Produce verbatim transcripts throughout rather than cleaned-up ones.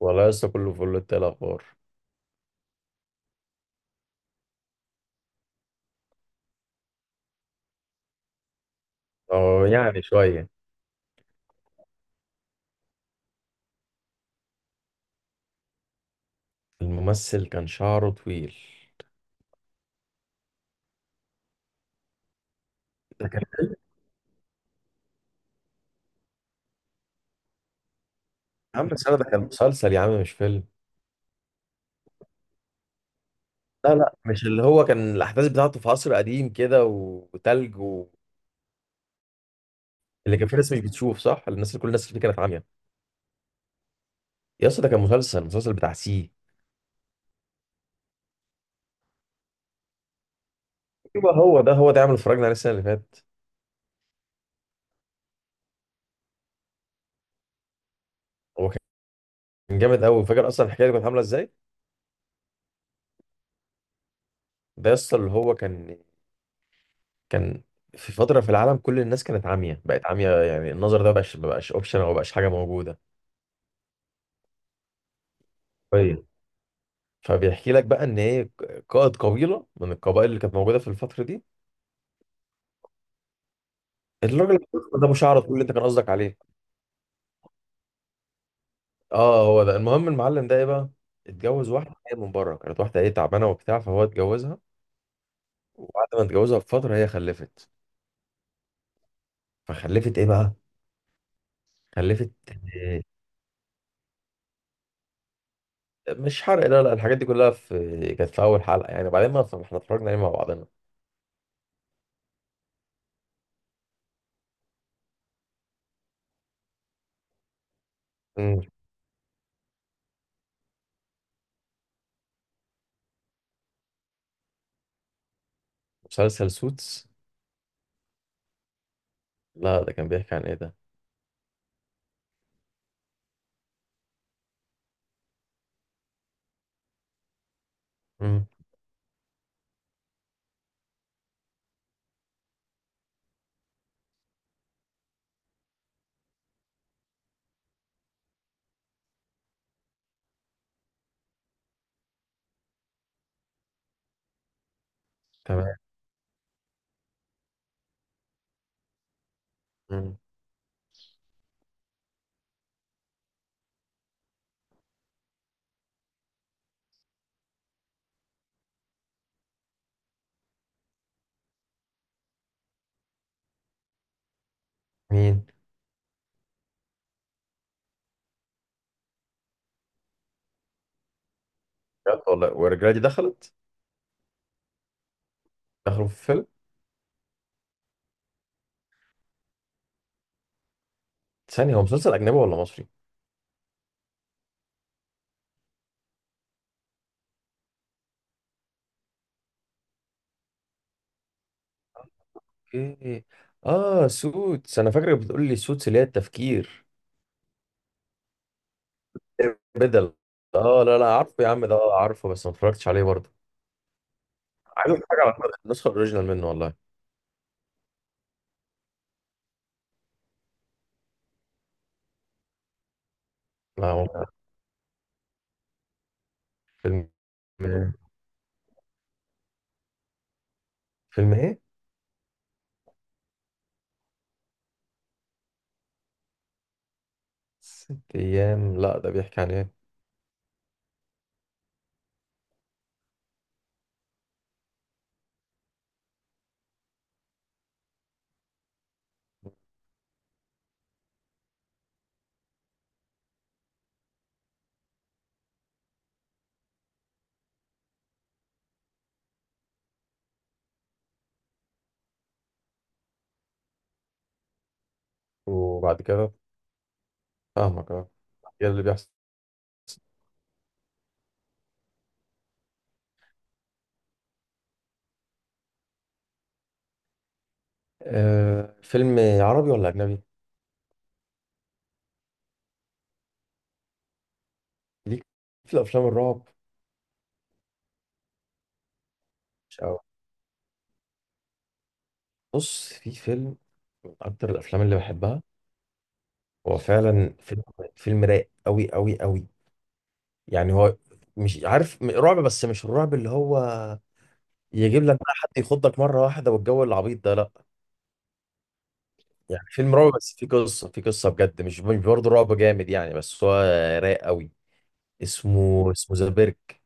والله لسه كله فل، انت إيه الاخبار؟ اه يعني شوية. الممثل كان شعره طويل. ده كان. يا عم بس انا ده كان مسلسل يا عم، مش فيلم. لا لا، مش اللي هو كان الأحداث بتاعته في عصر قديم كده و- وتلج و... اللي كان فيه ناس مش بتشوف صح. الناس كل الناس اللي فيه كانت عاميه. يا اسطى ده كان مسلسل مسلسل بتاع سي. يبقى هو ده هو ده عمل اتفرجنا عليه السنة اللي فاتت. هو كان جامد قوي. فاكر اصلا الحكايه دي كانت عامله ازاي؟ ده يا اسطى اللي هو كان كان في فتره في العالم كل الناس كانت عاميه، بقت عاميه، يعني النظر ده مبقاش مبقاش اوبشن او مبقاش حاجه موجوده. طيب. فبيحكي لك بقى ان هي قائد قبيله من القبائل اللي كانت موجوده في الفتره دي. الراجل الأسود ده ابو شعر طويل اللي انت كان قصدك عليه. اه هو ده. المهم المعلم ده ايه بقى؟ اتجوز واحده جايه من بره، كانت واحده ايه تعبانه وبتاع، فهو اتجوزها. وبعد ما اتجوزها بفتره هي خلفت. فخلفت ايه بقى؟ خلفت. آه، مش حرق، لا لا، الحاجات دي كلها في كانت في اول حلقه، يعني بعدين ما احنا اتفرجنا عليه مع بعضنا. مم. مسلسل سوتس. لا ده كان بيحكي عن ايه ده؟ مم. تمام. مم. مين؟ بجد والله. والرجاله دي دخلت اخر فيلم. ثانيه، هو مسلسل اجنبي ولا مصري؟ اوكي. اه سوتس، انا فاكرك بتقول لي سوتس اللي هي التفكير. بدل. اه لا لا، عارفه يا عم ده، آه، عارفه بس ما اتفرجتش عليه برضه. عايز اتفرج على النسخه الاوريجينال منه والله. لا هو فيلم. فيلم ايه؟ ست ايام، لا ده بيحكي عن ايه؟ وبعد كده، فاهمك اه. ايه اللي بيحصل؟ آه، فيلم عربي ولا اجنبي؟ ليك في الافلام الرعب. مش قوي. بص في فيلم من اكتر الافلام اللي بحبها. هو فعلا فيلم، فيلم رايق قوي قوي قوي. يعني هو مش عارف، م- رعب بس مش الرعب اللي هو يجيب لك بقى حد يخضك مره واحده والجو العبيط ده، لا. يعني فيلم رعب بس فيه قصه فيه قصه بجد، مش مش برضه رعب جامد يعني، بس هو رايق قوي. اسمه اسمه ذا بيرك.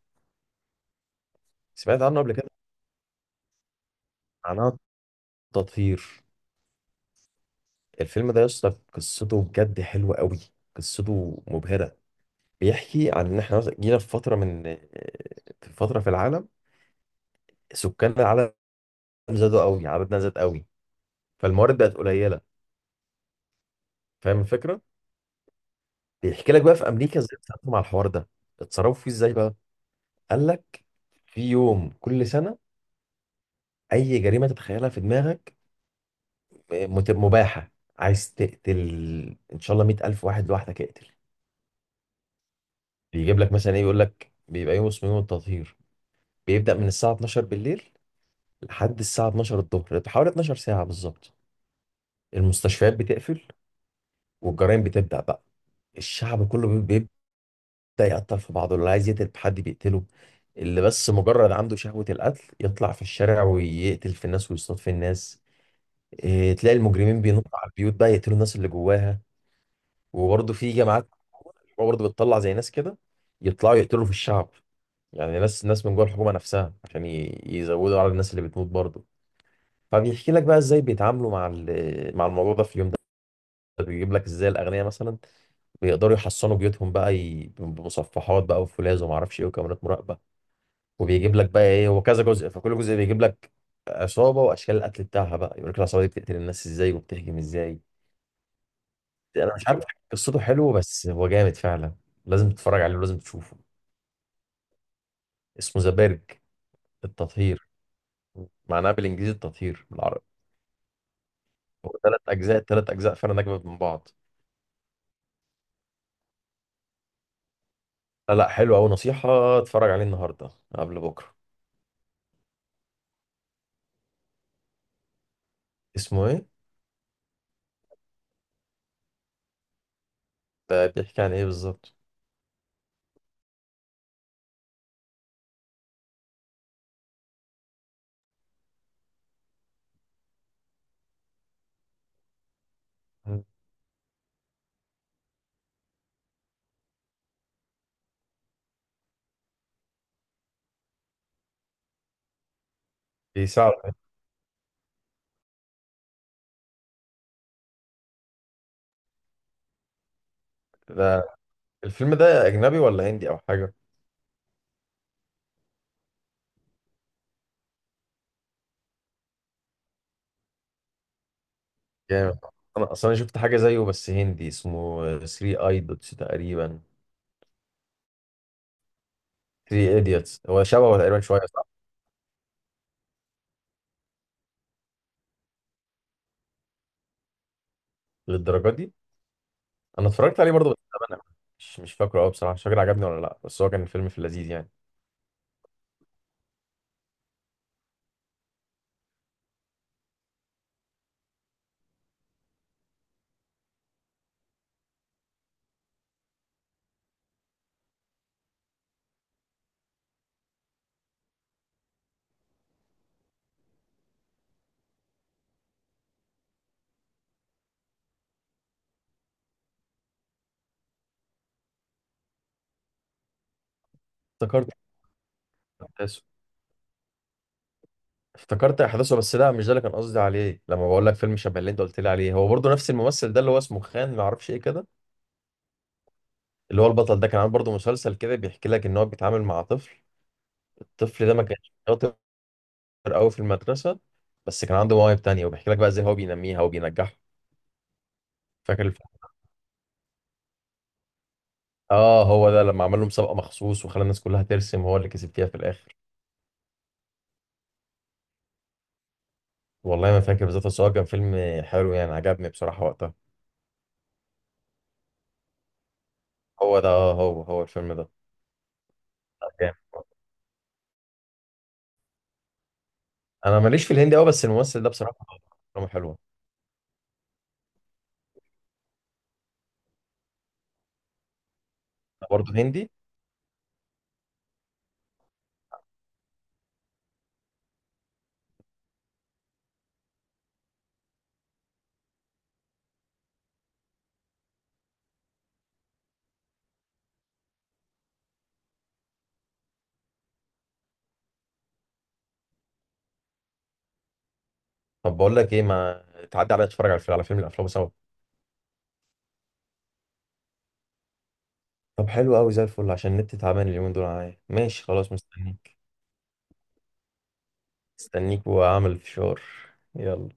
سمعت عنه قبل كده؟ معناه تطهير. الفيلم ده يا اسطى قصته بجد حلوه قوي. قصته مبهره. بيحكي عن ان احنا مثلا جينا في فتره من، في فتره في العالم سكان العالم زادوا قوي، عددنا زاد قوي، فالموارد بقت قليله. فاهم الفكره؟ بيحكي لك بقى في امريكا ازاي اتصرفوا مع الحوار ده، اتصرفوا فيه ازاي بقى. قال لك في يوم كل سنه اي جريمه تتخيلها في دماغك، آه، مت- مباحه. عايز تقتل، ان شاء الله مية ألف واحد لوحدك، اقتل. بيجيب لك مثلا ايه، يقول لك بيبقى يوم اسمه يوم التطهير، بيبدأ من الساعه الاتناشر بالليل لحد الساعه اتناشر الظهر، حوالي اتناشر ساعه بالظبط. المستشفيات بتقفل والجرائم بتبدأ بقى. الشعب كله بيبدأ، ده يقتل في بعضه، اللي عايز يقتل حد بيقتله، اللي بس مجرد عنده شهوة القتل يطلع في الشارع ويقتل في الناس ويصطاد في الناس. إيه، تلاقي المجرمين بينطوا على البيوت بقى يقتلوا الناس اللي جواها. وبرضه في جماعات برضه بتطلع زي ناس كده يطلعوا يقتلوا في الشعب، يعني ناس ناس من جوه الحكومة نفسها عشان ي- يزودوا على الناس اللي بتموت برضه. فبيحكي لك بقى ازاي بيتعاملوا مع ال- مع الموضوع ده في اليوم ده. بيجيب لك ازاي الاغنياء مثلا بيقدروا يحصنوا بيوتهم بقى ي- بمصفحات بقى وفولاذ وما اعرفش ايه وكاميرات مراقبة. وبيجيب لك بقى ايه، هو كذا جزء، فكل جزء بيجيب لك عصابه واشكال القتل بتاعها بقى، يقول لك العصابه دي بتقتل الناس ازاي وبتهجم ازاي. انا مش عارف. قصته حلوه بس هو جامد فعلا. لازم تتفرج عليه ولازم تشوفه. اسمه ذا بيرج. التطهير. معناه بالانجليزي التطهير بالعربي. هو ثلاث اجزاء ثلاث اجزاء فعلا، اجمد من بعض. لا لا، حلو قوي، نصيحه اتفرج عليه النهارده قبل بكره. اسمه ايه ده؟ بيحكي عن ايه بالظبط؟ بيساعد. ده الفيلم ده اجنبي ولا هندي او حاجه؟ جامد. انا اصلا شفت حاجه زيه بس هندي، اسمه تلاتة ايدوتس تقريبا. تلاتة ايديتس، هو شبهه تقريبا شويه، صح؟ للدرجه دي؟ انا اتفرجت عليه برضه بس زمان أوي. مش مش فاكره قوي بصراحه، مش فاكر عجبني ولا لا، بس هو كان الفيلم في اللذيذ يعني. افتكرت احداثه. افتكرت احداثه، بس لا مش ده اللي كان قصدي عليه لما بقول لك فيلم شبه اللي انت قلت لي عليه. هو برضه نفس الممثل ده اللي هو اسمه خان ما اعرفش ايه كده. اللي هو البطل ده كان عامل برضه مسلسل كده بيحكي لك ان هو بيتعامل مع طفل. الطفل ده ما كانش شاطر قوي في المدرسة، بس كان عنده مواهب تانية وبيحكي لك بقى ازاي هو بينميها وبينجحها. فاكر الف... اه هو ده لما عمل له مسابقة مخصوص وخلى الناس كلها ترسم، هو اللي كسب فيها في الآخر. والله ما فاكر بالظبط، بس هو كان فيلم حلو يعني، عجبني بصراحة وقتها. هو ده اه هو هو الفيلم ده. لا، جامد. انا ماليش في الهندي قوي بس الممثل ده بصراحة افلامه حلوة. برضه هندي؟ طب بقول لك ايه، ما تعدي عليا نتفرج على الفيلم، على فيلم الافلام سوا. طب حلو قوي زي الفل، عشان النت تعبان اليومين دول معايا، ماشي، خلاص مستنيك. مستنيك واعمل فشار. يلا.